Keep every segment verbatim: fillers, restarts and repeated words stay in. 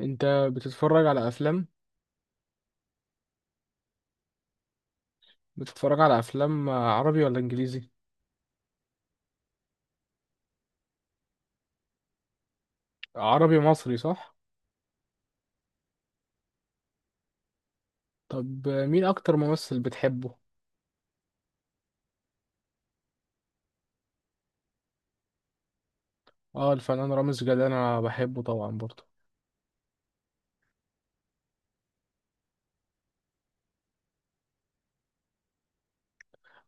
انت، بتتفرج على افلام؟ بتتفرج على افلام عربي ولا انجليزي؟ عربي مصري، صح؟ طب مين اكتر ممثل بتحبه؟ اه، الفنان رامز جلال انا بحبه طبعا برضه.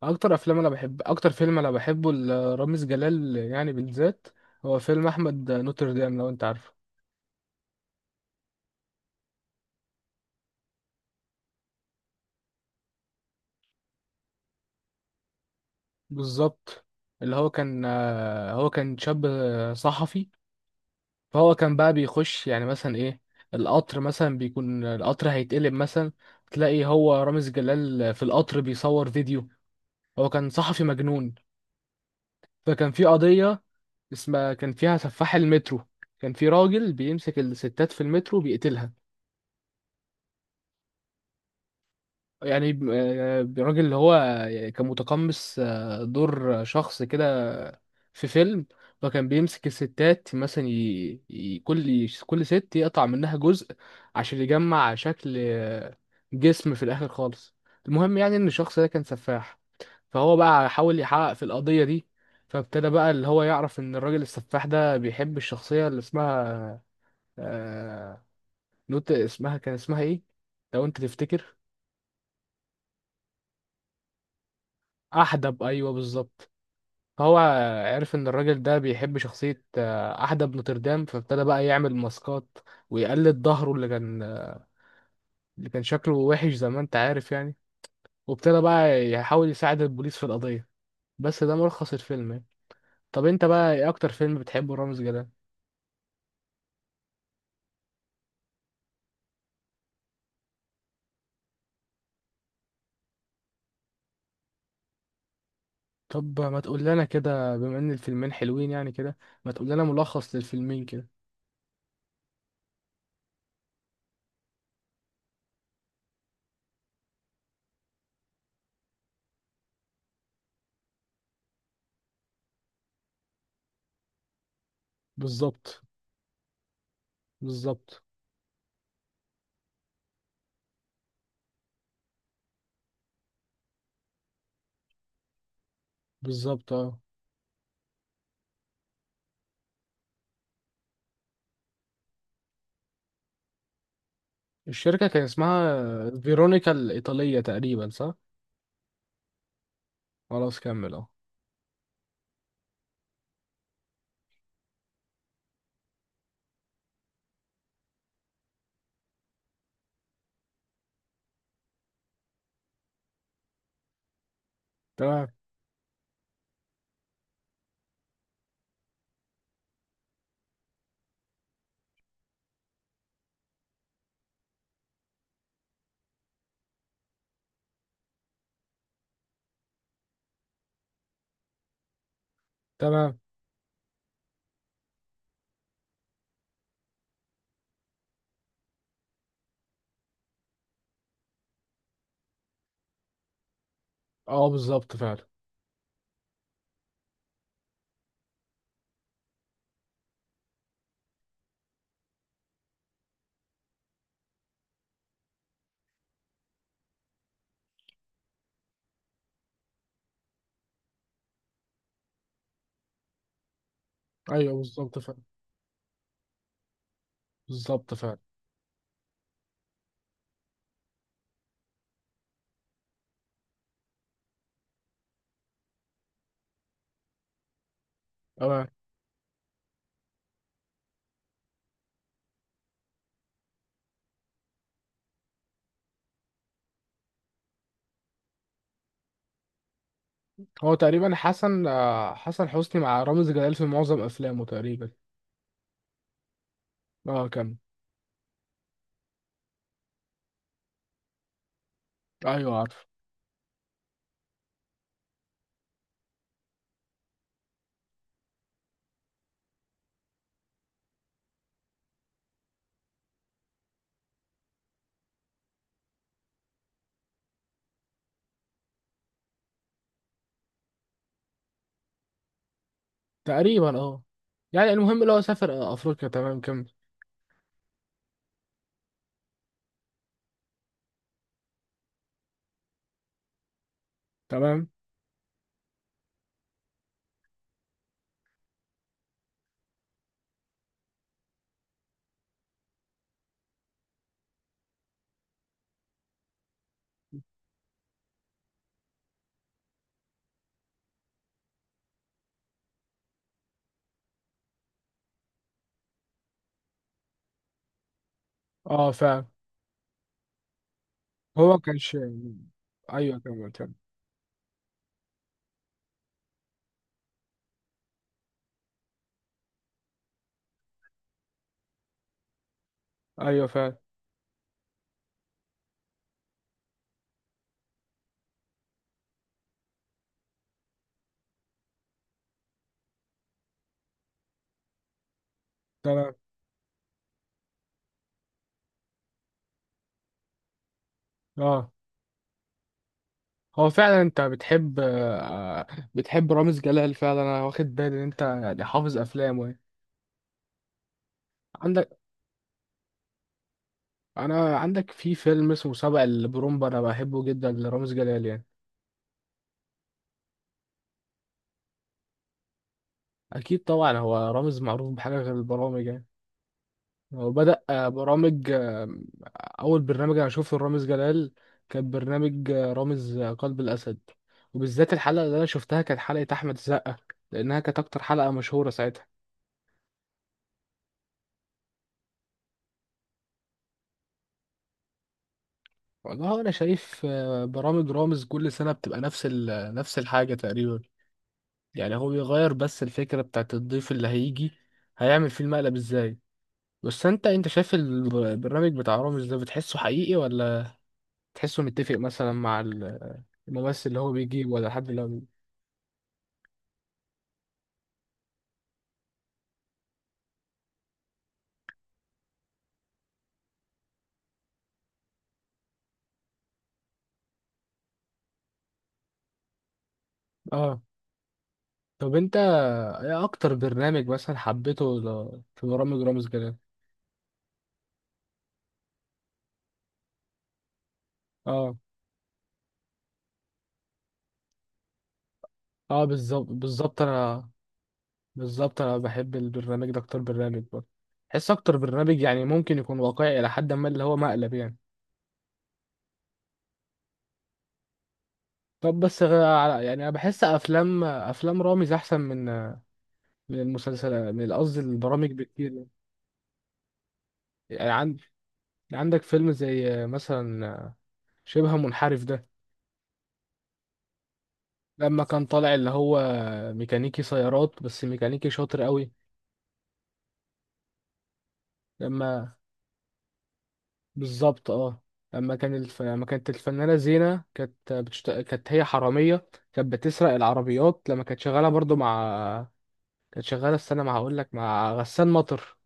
اكتر افلام انا بحب اكتر فيلم انا بحبه لرامز جلال يعني بالذات، هو فيلم احمد نوتردام، لو انت عارفه. بالظبط. اللي هو كان هو كان شاب صحفي، فهو كان بقى بيخش يعني مثلا ايه القطر، مثلا بيكون القطر هيتقلب، مثلا تلاقي هو رامز جلال في القطر بيصور فيديو. هو كان صحفي مجنون. فكان في قضية اسمها، كان فيها سفاح المترو. كان في راجل بيمسك الستات في المترو بيقتلها، يعني ب- آه، الراجل اللي هو كان متقمص آه، دور شخص كده في فيلم. فكان بيمسك الستات مثلا، ي... ي... كل كل ست يقطع منها جزء، عشان يجمع شكل آه، جسم في الآخر خالص. المهم يعني إن الشخص ده كان سفاح، فهو بقى حاول يحقق في القضية دي. فابتدى بقى اللي هو يعرف إن الراجل السفاح ده بيحب الشخصية اللي اسمها، آه... نوت، اسمها كان اسمها إيه؟ لو أنت تفتكر. أحدب، أيوه، بالظبط. فهو عرف ان الراجل ده بيحب شخصية آه، احدب نوتردام، فابتدى بقى يعمل ماسكات ويقلد ظهره اللي كان اللي كان شكله وحش زي ما انت عارف يعني، وابتدى بقى يحاول يساعد البوليس في القضية. بس ده ملخص الفيلم يعني. طب انت بقى ايه اكتر فيلم بتحبه رامز جلال؟ طب ما تقول لنا كده، بما ان الفيلمين حلوين يعني كده، ما تقول لنا ملخص للفيلمين كده. بالظبط، بالظبط، بالظبط، اه. الشركة كان اسمها فيرونيكا الإيطالية تقريبا، صح؟ خلاص، كمل، اه. تمام. تمام، اه، بالظبط فعلا. ايوه، بالظبط فعلا. بالظبط فعلا. تمام. هو تقريبا حسن آه، حسن حسني مع رامز جلال في معظم افلامه تقريبا. اه، كمل. ايوه عارف. تقريبا، اه، يعني المهم اللي هو سافر آه، افريقيا، تمام، كمل. تمام، اه فعلا. هو كانش ايوه، كمل، كمل. ايوه فعلا. تمام، اه. هو فعلا انت بتحب آه، بتحب رامز جلال فعلا، انا واخد بالي ان انت يعني حافظ افلامه يعني. عندك انا عندك في فيلم اسمه سبق البرومبا، انا بحبه جدا لرامز جلال يعني. اكيد طبعا، هو رامز معروف بحاجه غير البرامج يعني. هو بدأ آه، برامج، آه، اول برنامج انا شفته لرامز جلال كان برنامج آه، رامز آه، قلب الاسد، وبالذات الحلقه اللي انا شفتها كانت حلقه احمد السقا، لانها كانت اكتر حلقه مشهوره ساعتها. والله انا شايف آه، برامج رامز كل سنه بتبقى نفس ال- نفس الحاجه تقريبا، يعني هو بيغير بس الفكره بتاعت الضيف اللي هيجي هيعمل فيه المقلب ازاي. بس انت انت شايف البرنامج بتاع رامز ده، بتحسه حقيقي، ولا تحسه متفق مثلا مع ال- الممثل اللي هو بيجيب، ولا حد اللي هو بيجيب؟ اه. طب انت ايه اكتر برنامج مثلا حبيته ل- في برامج رامز جلال؟ اه. اه، بالظبط، بالظبط، انا بالظبط انا بحب البرنامج ده اكتر برنامج برضه. بحس اكتر برنامج يعني ممكن يكون واقعي الى حد ما اللي هو مقلب يعني. طب، بس غ- على- يعني انا بحس افلام افلام رامز احسن من من المسلسلات، من قصدي البرامج، بكتير يعني. يعني عندك فيلم زي مثلا شبه منحرف ده، لما كان طالع اللي هو ميكانيكي سيارات، بس ميكانيكي شاطر قوي. لما بالظبط، اه، لما كان الف... لما كانت الفنانة زينة، كانت بتشت... كانت هي حرامية، كانت بتسرق العربيات لما كانت شغالة برضو مع كانت شغالة استنى ما هقول لك، مع غسان مطر.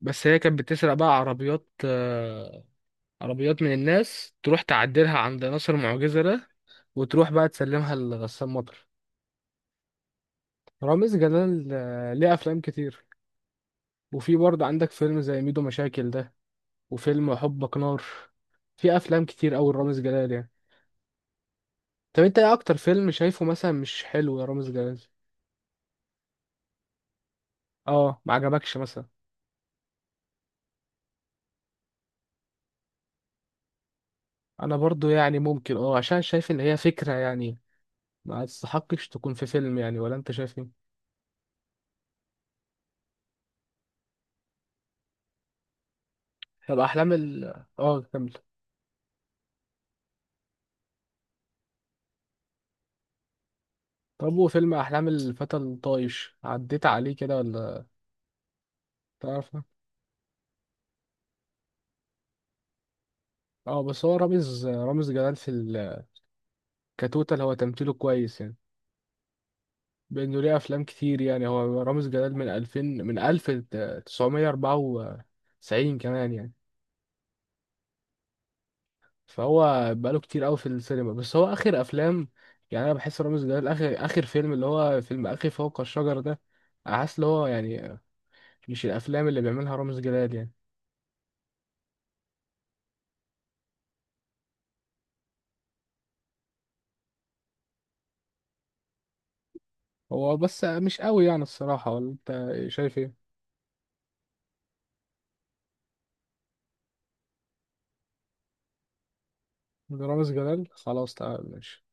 بس هي كانت بتسرق بقى عربيات آه، عربيات من الناس، تروح تعدلها عند ناصر معجزة ده، وتروح بقى تسلمها لغسان مطر. رامز جلال آه، ليه افلام كتير. وفي برضه عندك فيلم زي ميدو مشاكل ده، وفيلم حبك نار. في افلام كتير قوي رامز جلال يعني. طب انت ايه اكتر فيلم شايفه مثلا مش حلو يا رامز جلال؟ اه، ما عجبكش مثلا؟ انا برضه يعني ممكن، اه، عشان شايف ان هي فكرة يعني ما تستحقش تكون في فيلم، يعني ولا انت شايف ايه؟ طب احلام ال اه، كمل. طب، وفيلم احلام الفتى الطايش عديت عليه كده ولا تعرفه؟ اه، بس هو رامز رامز جلال في الكتوتة اللي هو تمثيله كويس يعني، بانه ليه افلام كتير يعني. هو رامز جلال من ألفين، من ألف وتسعمية أربعة وتسعين كمان يعني، فهو بقاله كتير قوي في السينما. بس هو اخر افلام، يعني انا بحس رامز جلال اخر اخر فيلم اللي هو فيلم اخي فوق الشجر ده، حاسس اللي هو يعني مش الافلام اللي بيعملها رامز جلال يعني. هو بس مش قوي يعني الصراحة، ولا انت شايف ايه؟ رامز جلال، خلاص، تمام، ماشي.